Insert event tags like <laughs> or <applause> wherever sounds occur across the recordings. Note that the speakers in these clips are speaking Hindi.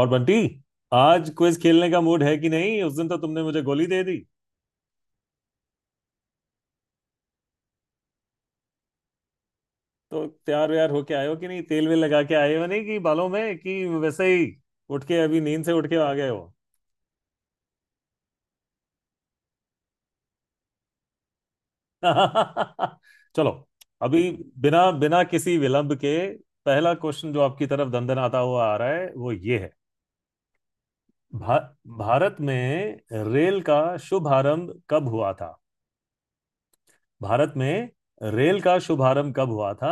और बंटी आज क्विज खेलने का मूड है कि नहीं। उस दिन तो तुमने मुझे गोली दे दी। तो तैयार व्यार होके आए हो कि नहीं, तेल वेल लगा के आए हो नहीं कि बालों में कि वैसे ही उठ के अभी नींद से उठ के आ गए हो। <laughs> चलो, अभी बिना बिना किसी विलंब के पहला क्वेश्चन जो आपकी तरफ दंदनाता हुआ आ रहा है वो ये है। भा, भारत में रेल का शुभारंभ कब हुआ था। भारत में रेल का शुभारंभ कब हुआ था।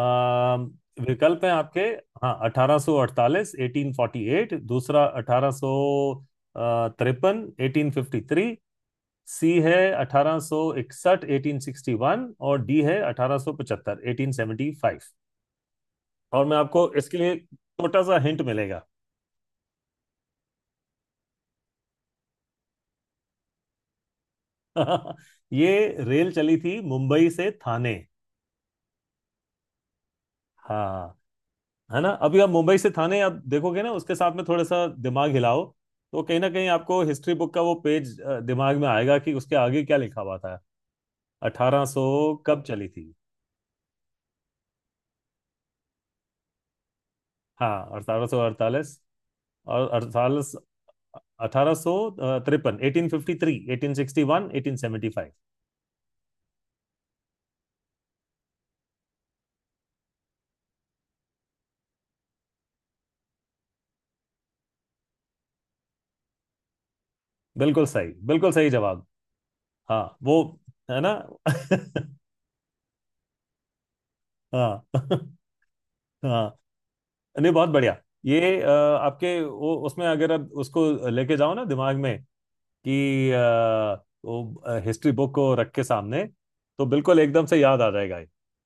आ, विकल्प हैं आपके। हाँ, 1848 1848, दूसरा 1853 1853, सी है 1861 1861, और डी है 1875 1875। और मैं आपको इसके लिए छोटा सा हिंट मिलेगा। <laughs> ये रेल चली थी मुंबई से थाने। हाँ, है ना। अभी आप मुंबई से थाने आप देखोगे ना, उसके साथ में थोड़ा सा दिमाग हिलाओ तो कहीं ना कहीं आपको हिस्ट्री बुक का वो पेज दिमाग में आएगा कि उसके आगे क्या लिखा हुआ था। अठारह सौ कब चली थी। हाँ, 1848 और अड़तालीस, 1853, 1853, 1861, 1875। बिल्कुल सही, बिल्कुल सही जवाब। हाँ, वो है ना। <laughs> हाँ। <laughs> हाँ, नहीं बहुत बढ़िया। ये आपके वो उसमें अगर आप उसको लेके जाओ ना दिमाग में कि वो हिस्ट्री बुक को रख के सामने, तो बिल्कुल एकदम से याद आ जाएगा ये। <laughs>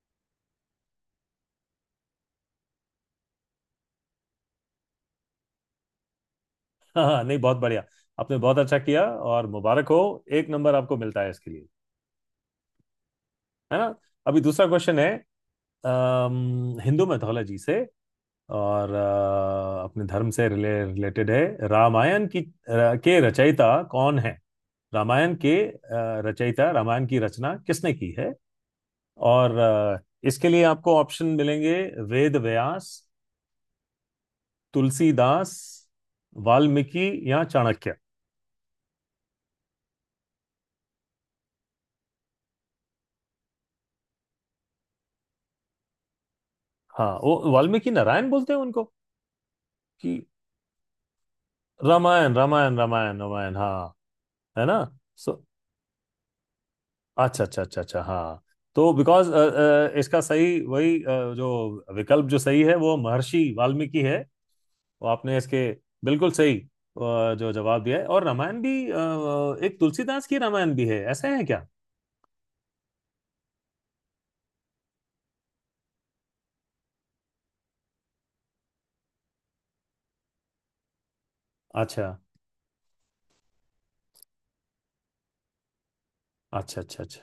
हाँ, हाँ, नहीं बहुत बढ़िया, आपने बहुत अच्छा किया और मुबारक हो। एक नंबर आपको मिलता है इसके लिए। है ना। अभी दूसरा क्वेश्चन है। हिंदू मैथोलॉजी से और अपने धर्म से रिलेटेड है। रामायण की के रचयिता कौन है। रामायण के रचयिता, रामायण की रचना किसने की है। और इसके लिए आपको ऑप्शन मिलेंगे। वेद व्यास, तुलसीदास, वाल्मीकि या चाणक्य। हाँ, वो वाल्मीकि नारायण बोलते हैं उनको कि रामायण रामायण रामायण रामायण। हाँ, है ना। सो अच्छा अच्छा अच्छा अच्छा, हाँ। तो बिकॉज इसका सही वही जो विकल्प जो सही है वो महर्षि वाल्मीकि है। वो आपने इसके बिल्कुल सही जो जवाब दिया है। और रामायण भी एक तुलसीदास की रामायण भी है ऐसा है क्या। अच्छा अच्छा अच्छा अच्छा।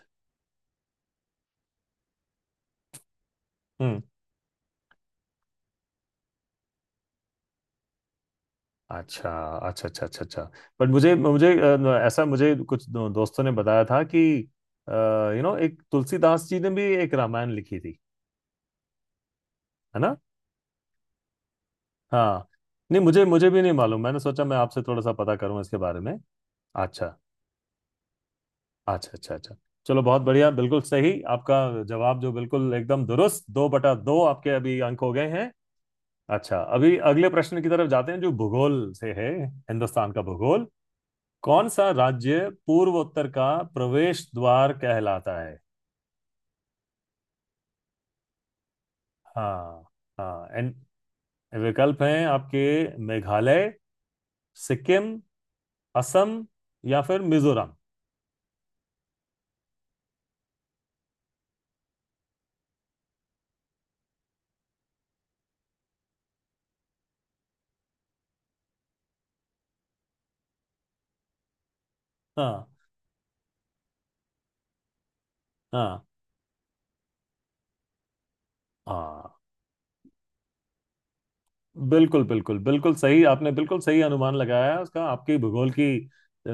हम्म, अच्छा अच्छा अच्छा अच्छा अच्छा। बट मुझे मुझे ऐसा मुझे कुछ दोस्तों ने बताया था कि यू नो एक तुलसीदास जी ने भी एक रामायण लिखी थी। है ना। हाँ, नहीं मुझे मुझे भी नहीं मालूम, मैंने सोचा मैं आपसे थोड़ा सा पता करूं इसके बारे में। अच्छा अच्छा अच्छा अच्छा। चलो, बहुत बढ़िया, बिल्कुल सही आपका जवाब जो बिल्कुल एकदम दुरुस्त। 2/2 आपके अभी अंक हो गए हैं। अच्छा, अभी अगले प्रश्न की तरफ जाते हैं जो भूगोल से है। हिंदुस्तान का भूगोल। कौन सा राज्य पूर्वोत्तर का प्रवेश द्वार कहलाता है। हाँ, हाँ, एंड विकल्प हैं आपके। मेघालय, सिक्किम, असम या फिर मिजोरम। हाँ, हाँ, हाँ, बिल्कुल बिल्कुल बिल्कुल सही, आपने बिल्कुल सही अनुमान लगाया है उसका। आपकी भूगोल की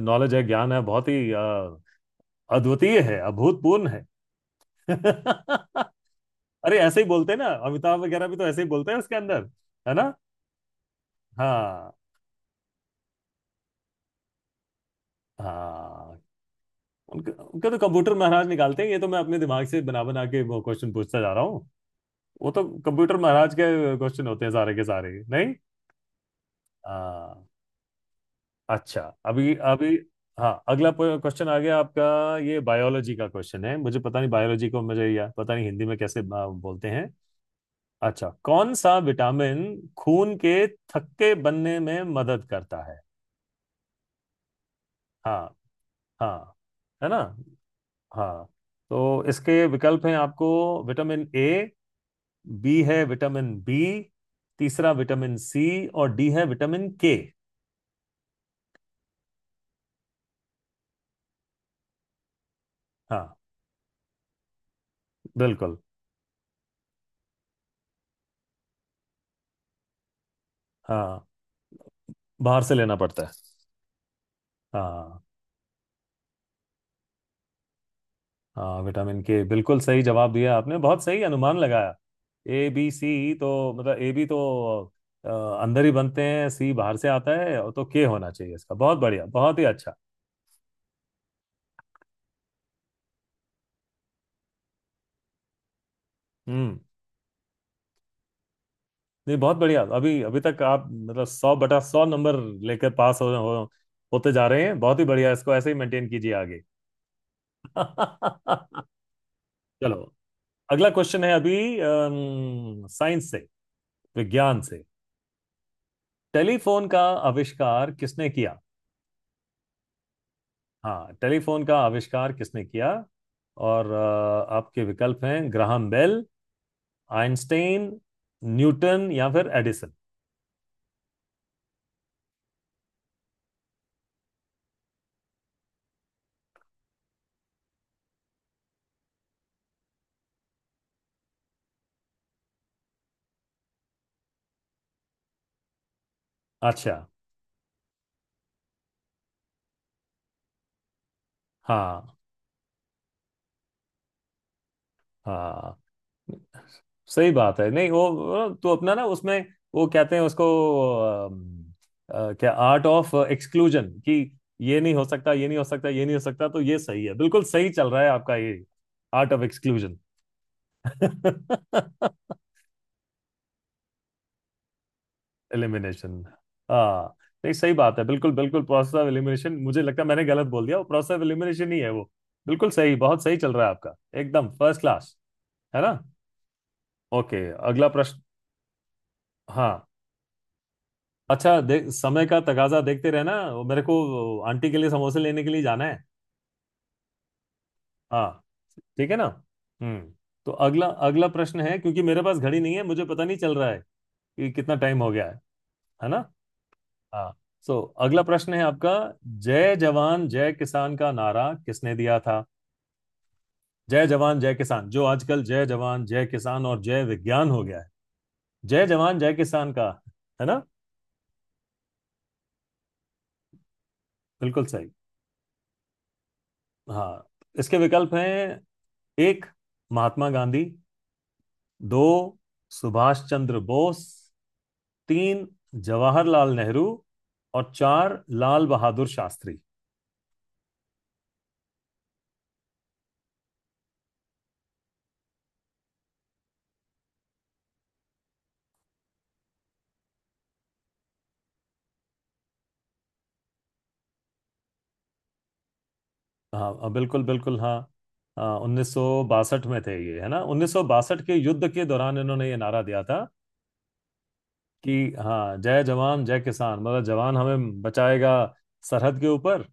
नॉलेज है, ज्ञान है, बहुत ही अद्वितीय है, अभूतपूर्ण है। <laughs> अरे ऐसे ही बोलते हैं ना, अमिताभ वगैरह भी तो ऐसे ही बोलते हैं उसके अंदर। है ना। हाँ, हाँ। उनका उनका तो कंप्यूटर महाराज निकालते हैं, ये तो मैं अपने दिमाग से बना बना के वो क्वेश्चन पूछता जा रहा हूँ। वो तो कंप्यूटर महाराज के क्वेश्चन होते हैं सारे के सारे। नहीं। हाँ। अच्छा, अभी अभी। हाँ, अगला क्वेश्चन आ गया आपका। ये बायोलॉजी का क्वेश्चन है। मुझे पता नहीं बायोलॉजी को मुझे या पता नहीं हिंदी में कैसे बोलते हैं। अच्छा, कौन सा विटामिन खून के थक्के बनने में मदद करता है। हाँ। हाँ, है ना। हाँ, तो इसके विकल्प हैं आपको। विटामिन ए, बी है विटामिन बी, तीसरा विटामिन सी, और डी है विटामिन के। हाँ, बिल्कुल। हाँ, बाहर से लेना पड़ता है। हाँ, हाँ, विटामिन के, बिल्कुल सही जवाब दिया आपने, बहुत सही अनुमान लगाया। ए बी सी तो, मतलब ए बी तो अ, अंदर ही बनते हैं, सी बाहर से आता है, और तो के होना चाहिए इसका। बहुत बढ़िया, बहुत ही अच्छा। हम्म, नहीं बहुत बढ़िया। अभी अभी तक आप मतलब 100/100 नंबर लेकर पास हो होते जा रहे हैं, बहुत ही बढ़िया, इसको ऐसे ही मेंटेन कीजिए। आगे। <laughs> चलो, अगला क्वेश्चन है अभी, साइंस से, विज्ञान से। टेलीफोन का आविष्कार किसने किया। हाँ, टेलीफोन का आविष्कार किसने किया। और आपके विकल्प हैं ग्राहम बेल, आइंस्टाइन, न्यूटन या फिर एडिसन। अच्छा। हाँ, हाँ, सही बात है। नहीं, वो तो अपना ना, उसमें वो कहते हैं उसको अम, क्या, आर्ट ऑफ एक्सक्लूजन, कि ये नहीं हो सकता, ये नहीं हो सकता, ये नहीं हो सकता, तो ये सही है। बिल्कुल सही चल रहा है आपका। ये आर्ट ऑफ एक्सक्लूजन, एलिमिनेशन। <laughs> हाँ। नहीं, सही बात है, बिल्कुल बिल्कुल प्रोसेस ऑफ एलिमिनेशन। मुझे लगता है मैंने गलत बोल दिया, वो प्रोसेस ऑफ एलिमिनेशन ही है वो। बिल्कुल सही, बहुत सही चल रहा है आपका, एकदम फर्स्ट क्लास। है ना। ओके, अगला प्रश्न। हाँ, अच्छा, देख समय का तकाजा देखते रहना, वो मेरे को आंटी के लिए समोसे लेने के लिए जाना है। हाँ। ठीक है ना। हम्म, तो अगला अगला प्रश्न है, क्योंकि मेरे पास घड़ी नहीं है, मुझे पता नहीं चल रहा है कि कितना टाइम हो गया है। है ना। हाँ, सो अगला प्रश्न है आपका। जय जवान जय किसान का नारा किसने दिया था। जय जवान जय किसान, जो आजकल जय जवान जय किसान और जय विज्ञान हो गया है। जय जवान जय किसान का। है ना। बिल्कुल सही। हाँ, इसके विकल्प हैं, एक, महात्मा गांधी, दो, सुभाष चंद्र बोस, तीन, जवाहरलाल नेहरू, और चार, लाल बहादुर शास्त्री। हाँ, हाँ, बिल्कुल बिल्कुल, हाँ, 1962 में थे ये, है ना, 1962 के युद्ध के दौरान इन्होंने ये नारा दिया था कि हाँ, जय जवान जय किसान, मतलब जवान हमें बचाएगा सरहद के ऊपर,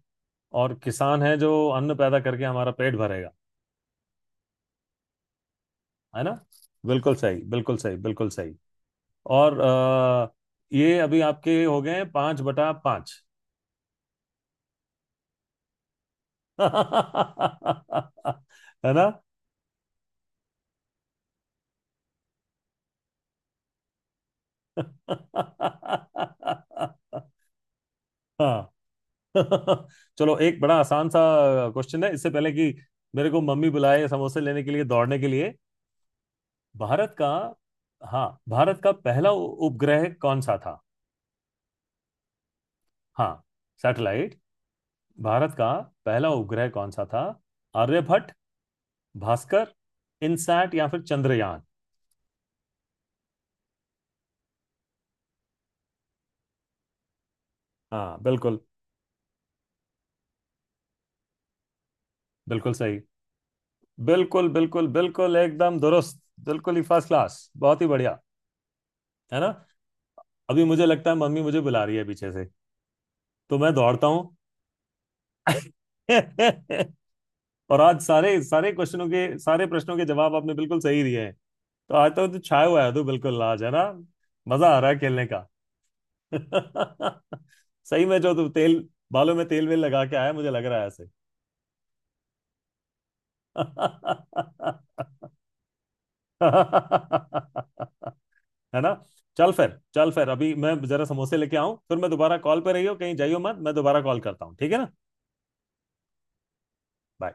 और किसान है जो अन्न पैदा करके हमारा पेट भरेगा। है ना। बिल्कुल सही, बिल्कुल सही, बिल्कुल सही। और ये अभी आपके हो गए हैं 5/5। <laughs> है ना। <laughs> हाँ। <laughs> चलो, एक बड़ा आसान सा क्वेश्चन है, इससे पहले कि मेरे को मम्मी बुलाए समोसे लेने के लिए दौड़ने के लिए। भारत का, हाँ भारत का पहला उपग्रह कौन सा था। हाँ, सैटेलाइट, भारत का पहला उपग्रह कौन सा था। आर्यभट्ट, भास्कर, इनसैट या फिर चंद्रयान। हाँ, बिल्कुल, बिल्कुल सही। बिल्कुल बिल्कुल बिल्कुल एकदम दुरुस्त। बिल्कुल ही फर्स्ट क्लास, बहुत ही बढ़िया। है ना, अभी मुझे लगता है मम्मी मुझे बुला रही है पीछे से, तो मैं दौड़ता हूँ। <laughs> और आज सारे सारे क्वेश्चनों के, सारे प्रश्नों के जवाब आपने बिल्कुल सही दिए हैं। तो आज तो तू छाया हुआ है, तो बिल्कुल आज, है ना, मजा आ रहा है खेलने का। <laughs> सही में जो तू तेल बालों में तेल वेल लगा के आया मुझे लग रहा है ऐसे। <laughs> <laughs> है ना। चल फिर, चल फिर, अभी मैं जरा समोसे लेके आऊं, फिर मैं दोबारा कॉल पे, रहियो कहीं जाइयो मत, मैं दोबारा कॉल करता हूँ, ठीक है ना। Bye.